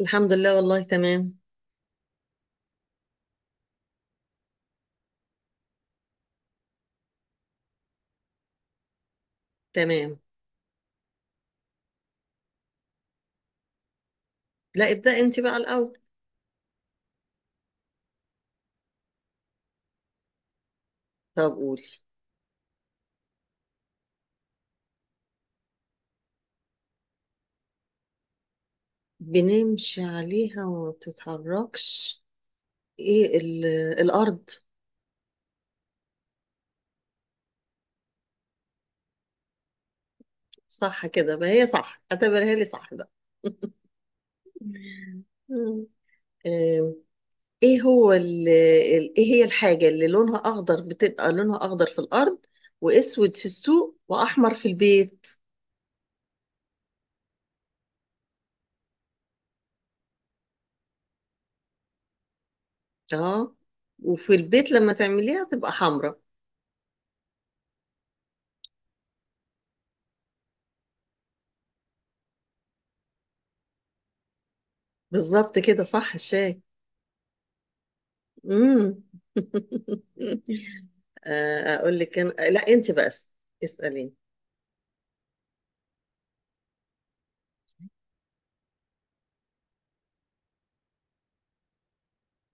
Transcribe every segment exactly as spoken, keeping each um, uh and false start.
الحمد لله والله، تمام تمام. لا، ابدأ انت بقى الأول. طب قولي. بنمشي عليها وما بتتحركش. ايه ال- الأرض. صح كده بقى، هي صح، اعتبرها لي صح بقى. مم. آم، ايه هو ال- ال- ايه هي الحاجة اللي لونها أخضر، بتبقى لونها أخضر في الأرض وأسود في السوق وأحمر في البيت؟ اه. وفي البيت لما تعمليها تبقى حمراء. بالظبط كده، صح الشاي. امم آه، اقول لك أنا، لا انت بقى اس- اساليني.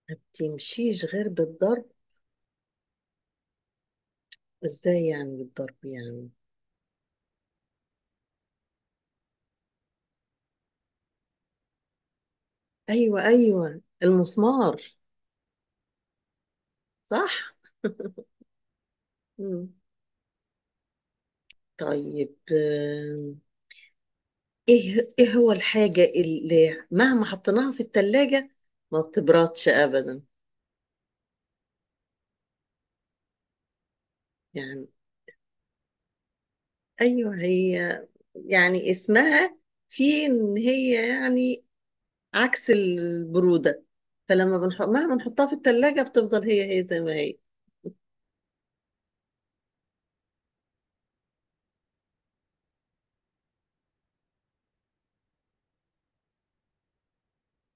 ما بتمشيش غير بالضرب؟ ازاي يعني بالضرب يعني؟ ايوه ايوه، المسمار. صح. مم. طيب، آم، ايه ايه هو الحاجة اللي مهما حطيناها في التلاجة ما بتبردش ابدا؟ يعني ايوه، هي يعني اسمها، في ان هي يعني عكس البرودة. فلما بنحط، مهما نحطها في التلاجة بتفضل هي هي زي ما هي.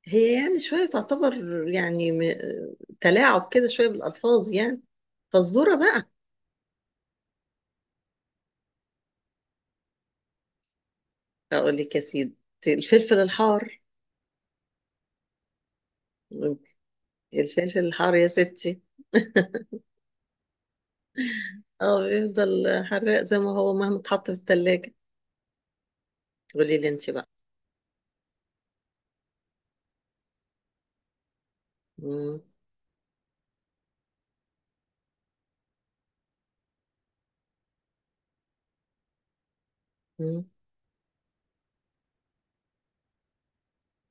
هي يعني شوية تعتبر يعني م... تلاعب كده شوية بالألفاظ يعني. فالذرة بقى. أقول لك يا سيدي، الفلفل الحار. الفلفل الحار يا ستي. اه، بيفضل حراق زي ما هو مهما اتحط في التلاجة. قولي لي انت بقى. مم. مم.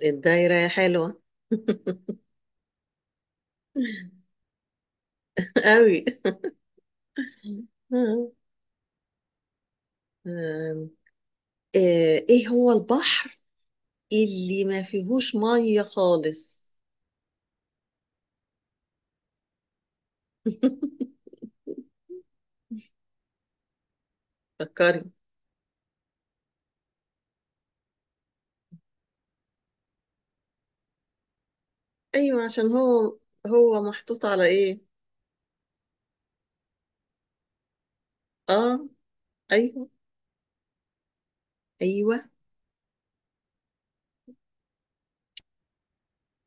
الدايرة يا حلوة. قوي. آم، آه، ايه هو البحر اللي ما فيهوش ميه خالص؟ فكري. ايوه، عشان هو هو محطوط على ايه؟ اه. ايوه. ايوه،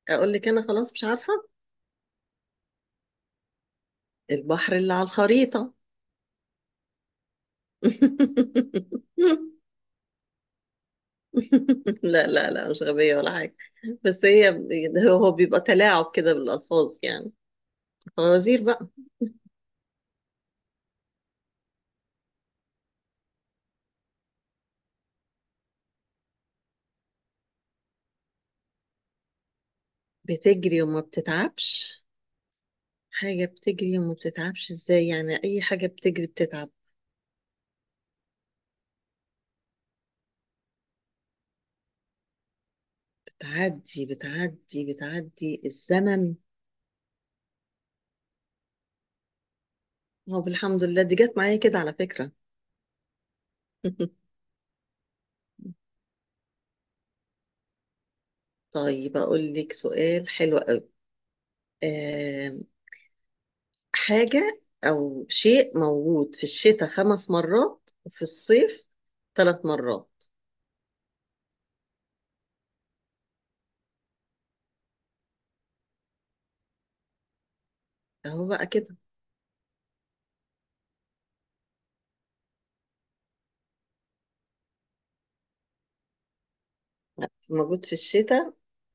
اقول لك انا، خلاص مش عارفه. البحر اللي على الخريطه. لا لا لا، مش غبيه ولا حاجه. بس هي هو هو بيبقى تلاعب كده بالالفاظ يعني. فوازير بقى. بتجري وما بتتعبش؟ حاجه بتجري وما بتتعبش ازاي يعني؟ اي حاجه بتجري بتتعب. بتعدي بتعدي بتعدي، الزمن. هو الحمد لله دي جت معايا كده على فكرة. طيب أقول لك سؤال حلو قوي. آم، حاجة أو شيء موجود في الشتاء خمس مرات وفي الصيف ثلاث مرات. أهو بقى كده. موجود في الشتاء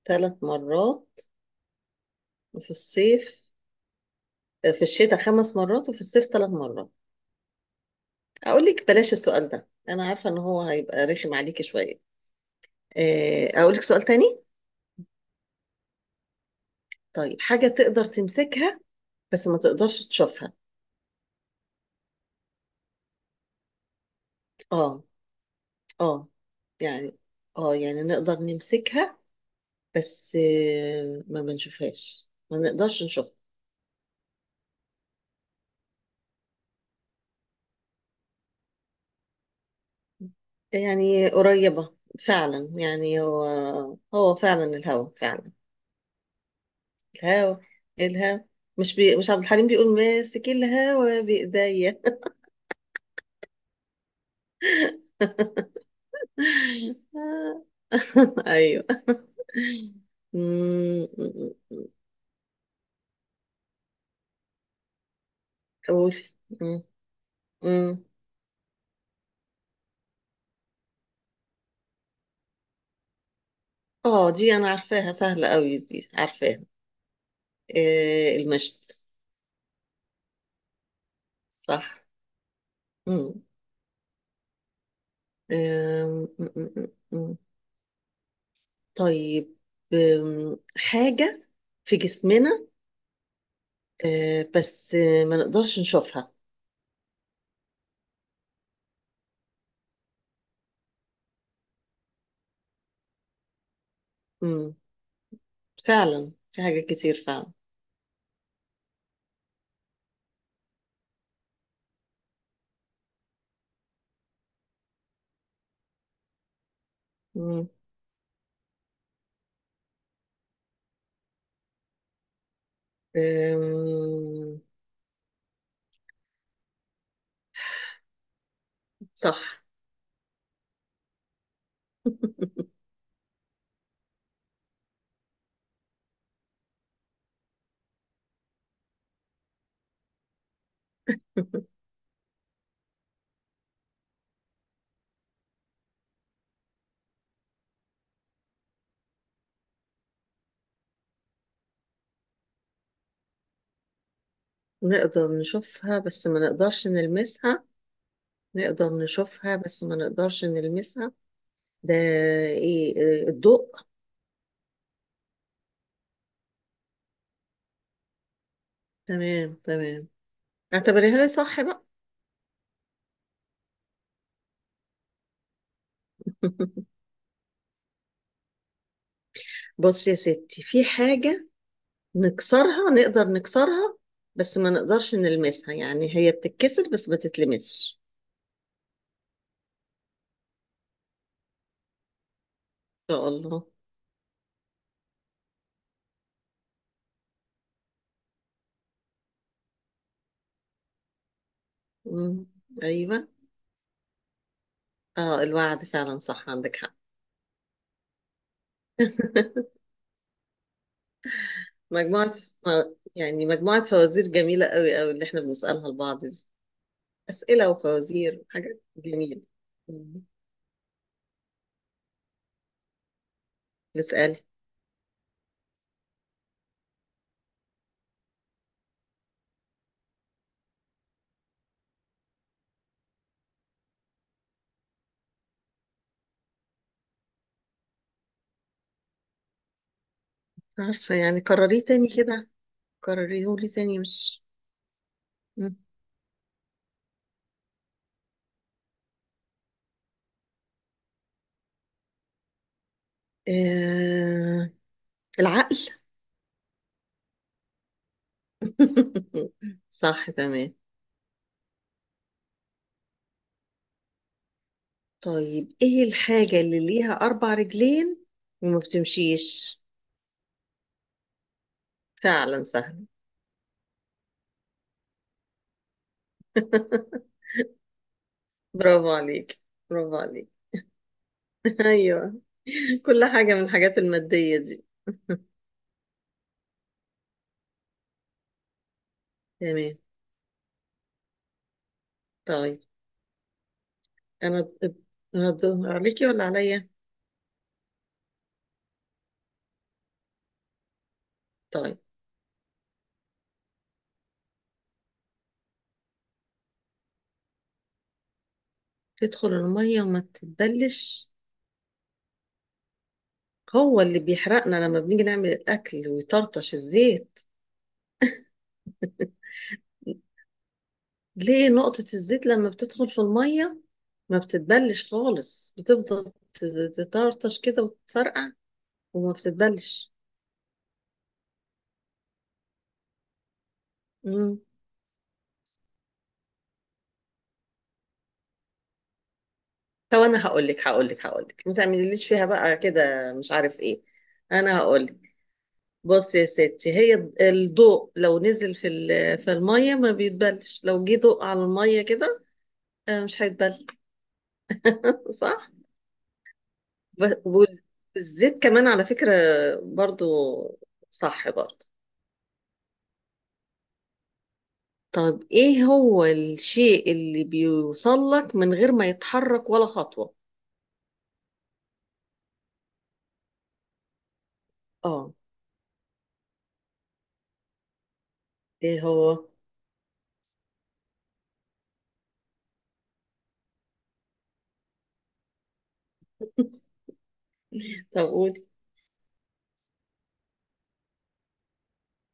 ثلاث مرات وفي الصيف. آه، في الشتاء خمس مرات وفي الصيف ثلاث مرات. أقول لك بلاش السؤال ده، أنا عارفة إن هو هيبقى رخم عليكي شوية. آه، أقول لك سؤال تاني. طيب، حاجة تقدر تمسكها بس ما تقدرش تشوفها. اه. اه. يعني، اه يعني نقدر نمسكها، بس آه، ما بنشوفهاش، ما نقدرش نشوفها. يعني قريبة، فعلا، يعني هو هو فعلا الهوا، فعلا الهوا، الهوا. مش بي... مش عبد الحليم بيقول ماسك الهوا بإيديا. ايوه. أمم، قولي. أمم، أمم. اه، دي انا عارفاها سهلة قوي، دي عارفاها. آه المشط. صح. مم. آم، مم، مم، مم. طيب، آم، حاجة في جسمنا، آه بس آه ما نقدرش نشوفها. مم. فعلا في حاجات كتير فعلا. مم. آم، صح. نقدر نشوفها بس ما نقدرش نلمسها. نقدر نشوفها بس ما نقدرش نلمسها. ده ايه؟ آه، الضوء. تمام تمام. اعتبريها لي صح بقى. بص يا ستي، في حاجة نكسرها نقدر نكسرها بس ما نقدرش نلمسها. يعني هي بتتكسر بس ما تتلمسش. ان شاء الله. مم. ايوه. اه، الوعد فعلا، صح عندك حق. مجموعة يعني مجموعة فوازير جميلة قوي قوي اللي احنا بنسألها لبعض دي. أسئلة وفوازير وحاجات جميلة. مم. نسأل. عارفة، يعني قرريه تاني كده، قرريه لي تاني، مش. مم. آه... العقل. صح تمام. طيب ايه الحاجة اللي ليها اربع رجلين وما بتمشيش؟ فعلا سهل. برافو عليك. برافو عليك. ايوه، كل حاجة من الحاجات المادية دي. تمام. طيب، انا انا الدور عليكي ولا عليا؟ طيب. تدخل المية وما تتبلش؟ هو اللي بيحرقنا لما بنيجي نعمل الاكل ويطرطش الزيت. ليه نقطة الزيت لما بتدخل في المية ما بتتبلش خالص، بتفضل ت- تطرطش كده وتفرقع وما بتتبلش. مم. طب انا هقول لك هقول لك هقول لك، ما تعمليليش فيها بقى كده، مش عارف ايه. انا هقول لك. بص يا ستي، هي الض- الضوء لو نزل في ال- في المية ما بيتبلش، لو جه ضوء على المية كده آه، مش هيتبل. صح. ب- والزيت كمان على فكرة، برضو، صح برضو. طب ايه هو الشيء اللي بيوصل لك من غير ما يتحرك ولا خطوة؟ اه. ايه هو؟ طب قولي.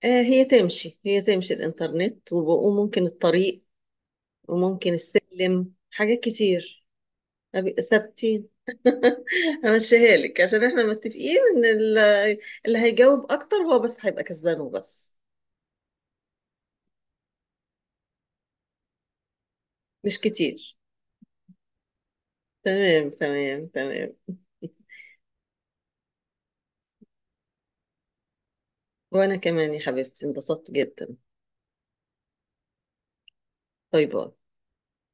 آه، هي تمشي هي تمشي الانترنت، وب- وممكن الطريق وممكن السلم، حاجات كتير. أبي- ثابتين. همشيها لك عشان احنا متفقين ان ال- اللي هيجاوب اكتر هو بس هيبقى كسبان وبس. مش كتير. تمام تمام تمام. وانا كمان يا حبيبتي، انبسطت جدا. باي باي.